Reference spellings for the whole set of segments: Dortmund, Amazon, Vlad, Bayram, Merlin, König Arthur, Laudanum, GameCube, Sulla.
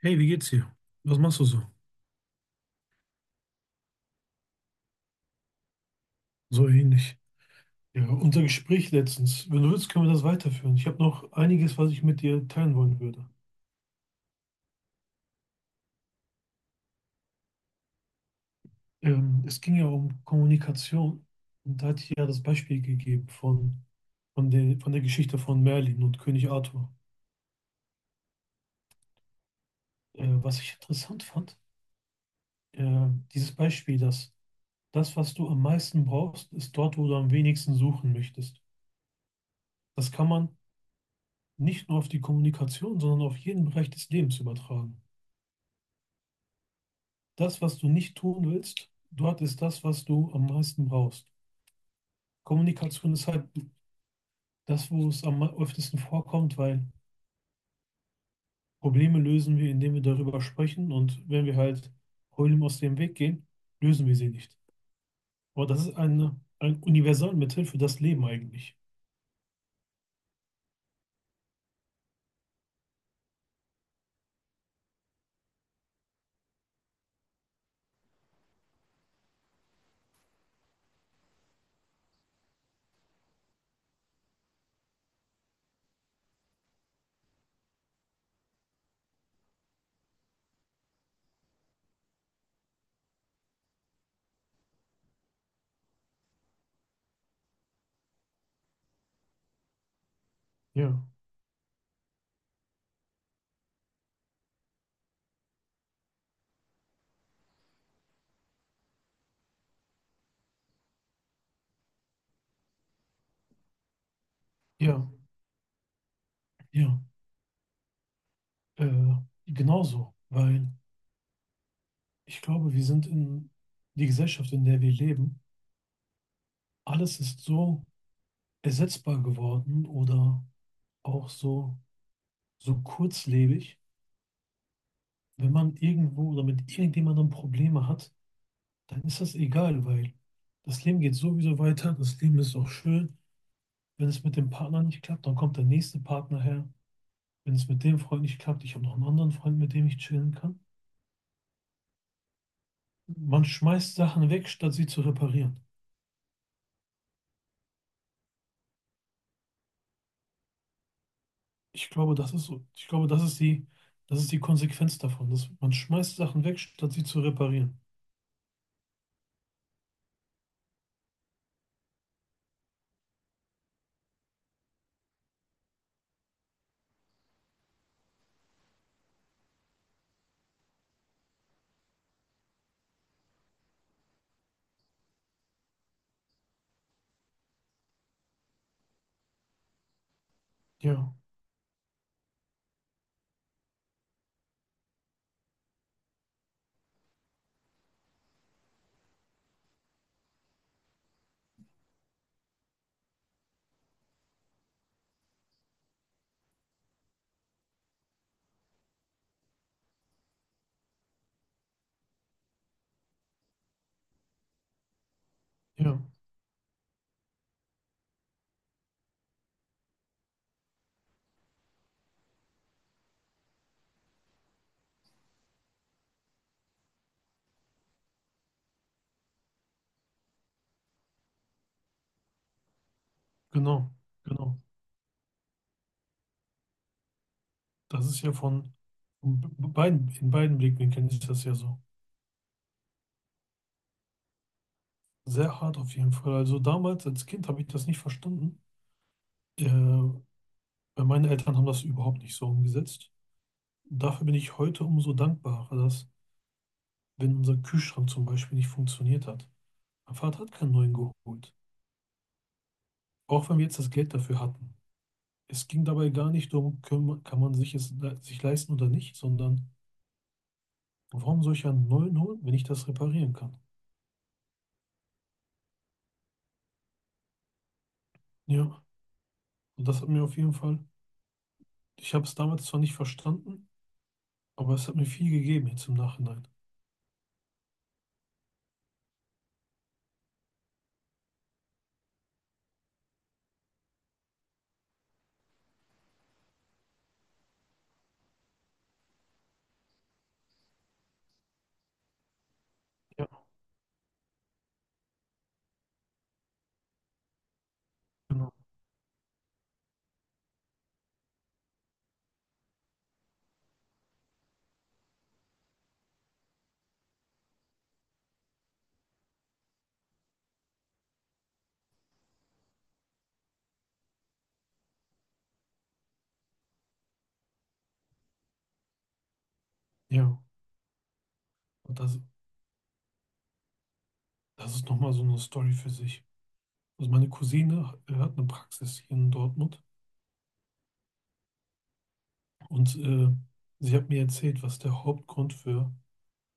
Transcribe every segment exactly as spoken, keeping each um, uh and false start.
Hey, wie geht's dir? Was machst du so? So ähnlich. Ja, unser Gespräch letztens. Wenn du willst, können wir das weiterführen. Ich habe noch einiges, was ich mit dir teilen wollen würde. Ähm, es ging ja um Kommunikation. Und da hatte ich ja das Beispiel gegeben von, von der, von der Geschichte von Merlin und König Arthur. Äh, was ich interessant fand, äh, dieses Beispiel, dass das, was du am meisten brauchst, ist dort, wo du am wenigsten suchen möchtest. Das kann man nicht nur auf die Kommunikation, sondern auf jeden Bereich des Lebens übertragen. Das, was du nicht tun willst, dort ist das, was du am meisten brauchst. Kommunikation ist halt das, wo es am öftesten vorkommt, weil Probleme lösen wir, indem wir darüber sprechen, und wenn wir halt Problemen aus dem Weg gehen, lösen wir sie nicht. Aber das ist eine, ein Universalmittel für das Leben eigentlich. Ja, ja, ja. Äh, Genauso, weil ich glaube, wir sind in die Gesellschaft, in der wir leben, alles ist so ersetzbar geworden oder auch so so kurzlebig. Wenn man irgendwo oder mit irgendjemandem Probleme hat, dann ist das egal, weil das Leben geht sowieso weiter. Das Leben ist auch schön. Wenn es mit dem Partner nicht klappt, dann kommt der nächste Partner her. Wenn es mit dem Freund nicht klappt, ich habe noch einen anderen Freund, mit dem ich chillen kann. Man schmeißt Sachen weg, statt sie zu reparieren. Ich glaube, das ist so. Ich glaube, das ist die, das ist die Konsequenz davon, dass man schmeißt Sachen weg, statt sie zu reparieren. Ja, ja, genau, genau. Das ist ja von von be- beiden, in beiden Blickwinkeln ist das ja so. Sehr hart auf jeden Fall. Also damals als Kind habe ich das nicht verstanden. Äh, weil meine Eltern haben das überhaupt nicht so umgesetzt. Dafür bin ich heute umso dankbarer, dass, wenn unser Kühlschrank zum Beispiel nicht funktioniert hat, mein Vater hat keinen neuen geholt. Auch wenn wir jetzt das Geld dafür hatten. Es ging dabei gar nicht darum, können wir- kann man sich es le- sich leisten oder nicht, sondern warum soll ich einen neuen holen, wenn ich das reparieren kann? Ja, und das hat mir auf jeden Fall. Ich habe es damals zwar nicht verstanden, aber es hat mir viel gegeben jetzt im Nachhinein. Ja. Genau. Ja. Und das, das ist nochmal so eine Story für sich. Also meine Cousine äh, hat eine Praxis hier in Dortmund, und äh, sie hat mir erzählt, was der Hauptgrund für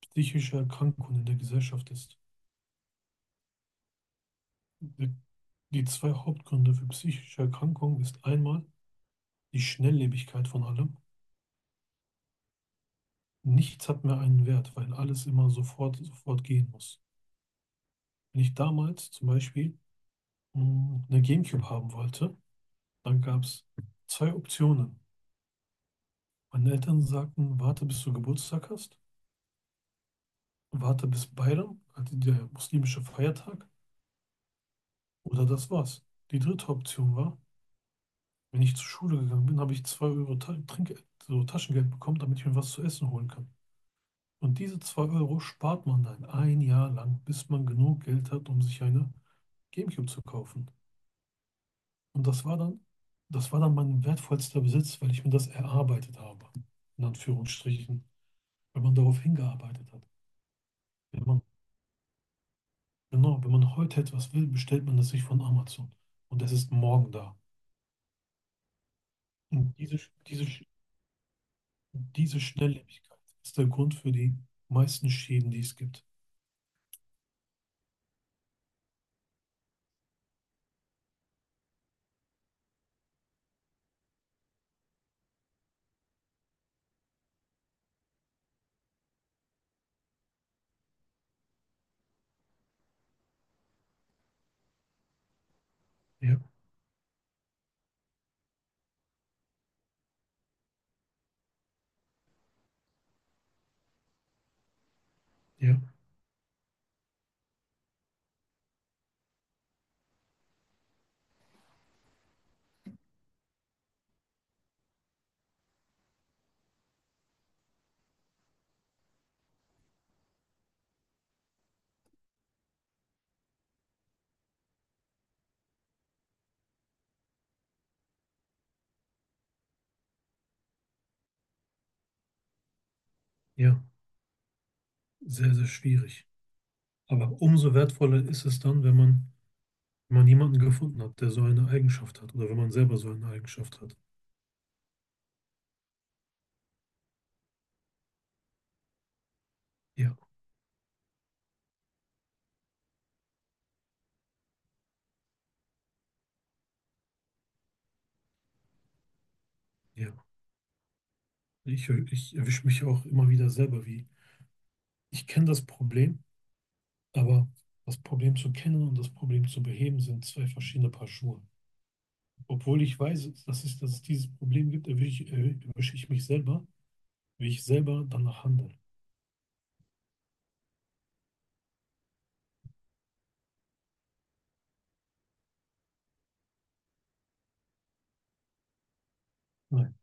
psychische Erkrankungen in der Gesellschaft ist. Die, die zwei Hauptgründe für psychische Erkrankungen ist einmal die Schnelllebigkeit von allem. Nichts hat mehr einen Wert, weil alles immer sofort, sofort gehen muss. Wenn ich damals zum Beispiel mh, eine GameCube haben wollte, dann gab es zwei Optionen. Meine Eltern sagten, warte bis du Geburtstag hast, warte bis Bayram, also der muslimische Feiertag, oder das war's. Die dritte Option war, wenn ich zur Schule gegangen bin, habe ich zwei Euro Ta Trinkgeld, so Taschengeld bekommen, damit ich mir was zu essen holen kann. Und diese zwei Euro spart man dann ein Jahr lang, bis man genug Geld hat, um sich eine GameCube zu kaufen. Und das war dann, das war dann mein wertvollster Besitz, weil ich mir das erarbeitet habe. In Anführungsstrichen. Wenn man darauf hingearbeitet hat. Wenn man, Genau, wenn man heute etwas will, bestellt man das sich von Amazon. Und es ist morgen da. Und diese, diese, diese Schnelllebigkeit ist der Grund für die meisten Schäden, die es gibt. Ja, ja, ja. Sehr, sehr schwierig. Aber umso wertvoller ist es dann, wenn man, wenn man jemanden gefunden hat, der so eine Eigenschaft hat. Oder wenn man selber so eine Eigenschaft hat. Ja, ja. Ich, ich erwische mich auch immer wieder selber, wie ich kenne das Problem, aber das Problem zu kennen und das Problem zu beheben sind zwei verschiedene Paar Schuhe. Obwohl ich weiß, dass es, dass es dieses Problem gibt, erwische ich, erwische ich mich selber, wie ich selber danach handle. Nein,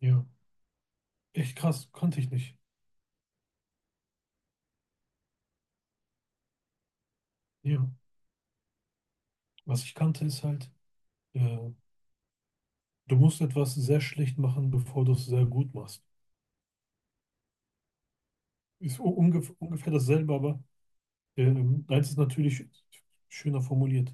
ja, echt krass, konnte ich nicht. Ja, was ich kannte ist halt, äh, du musst etwas sehr schlecht machen, bevor du es sehr gut machst. Ist u- ungef ungefähr dasselbe, aber ähm, eins ist natürlich schöner formuliert.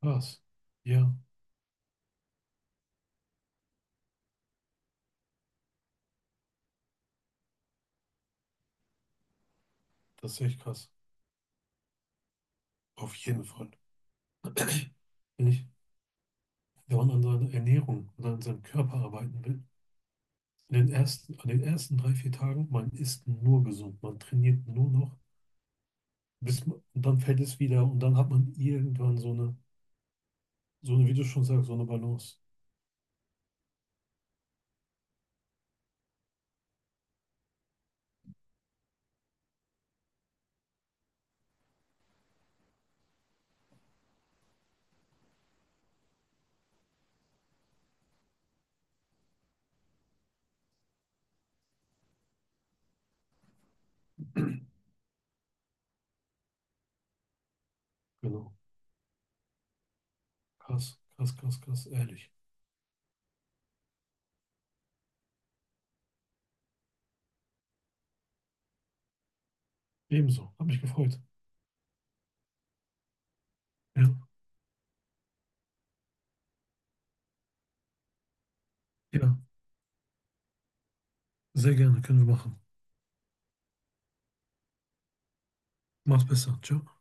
Krass, ja. Das ist echt krass. Auf jeden Fall. Wenn ich dauernd an seiner Ernährung und an seinem Körper arbeiten will, in den ersten, an den ersten drei, vier Tagen, man isst nur gesund, man trainiert nur noch, bis man, und dann fällt es wieder und dann hat man irgendwann so eine, so eine, wie du schon sagst, so eine Balance. Genau. Krass, krass, krass, krass, ehrlich. Ebenso. Hab mich gefreut. Ja, ja, sehr gerne, können wir machen. Mach's besser. Ciao.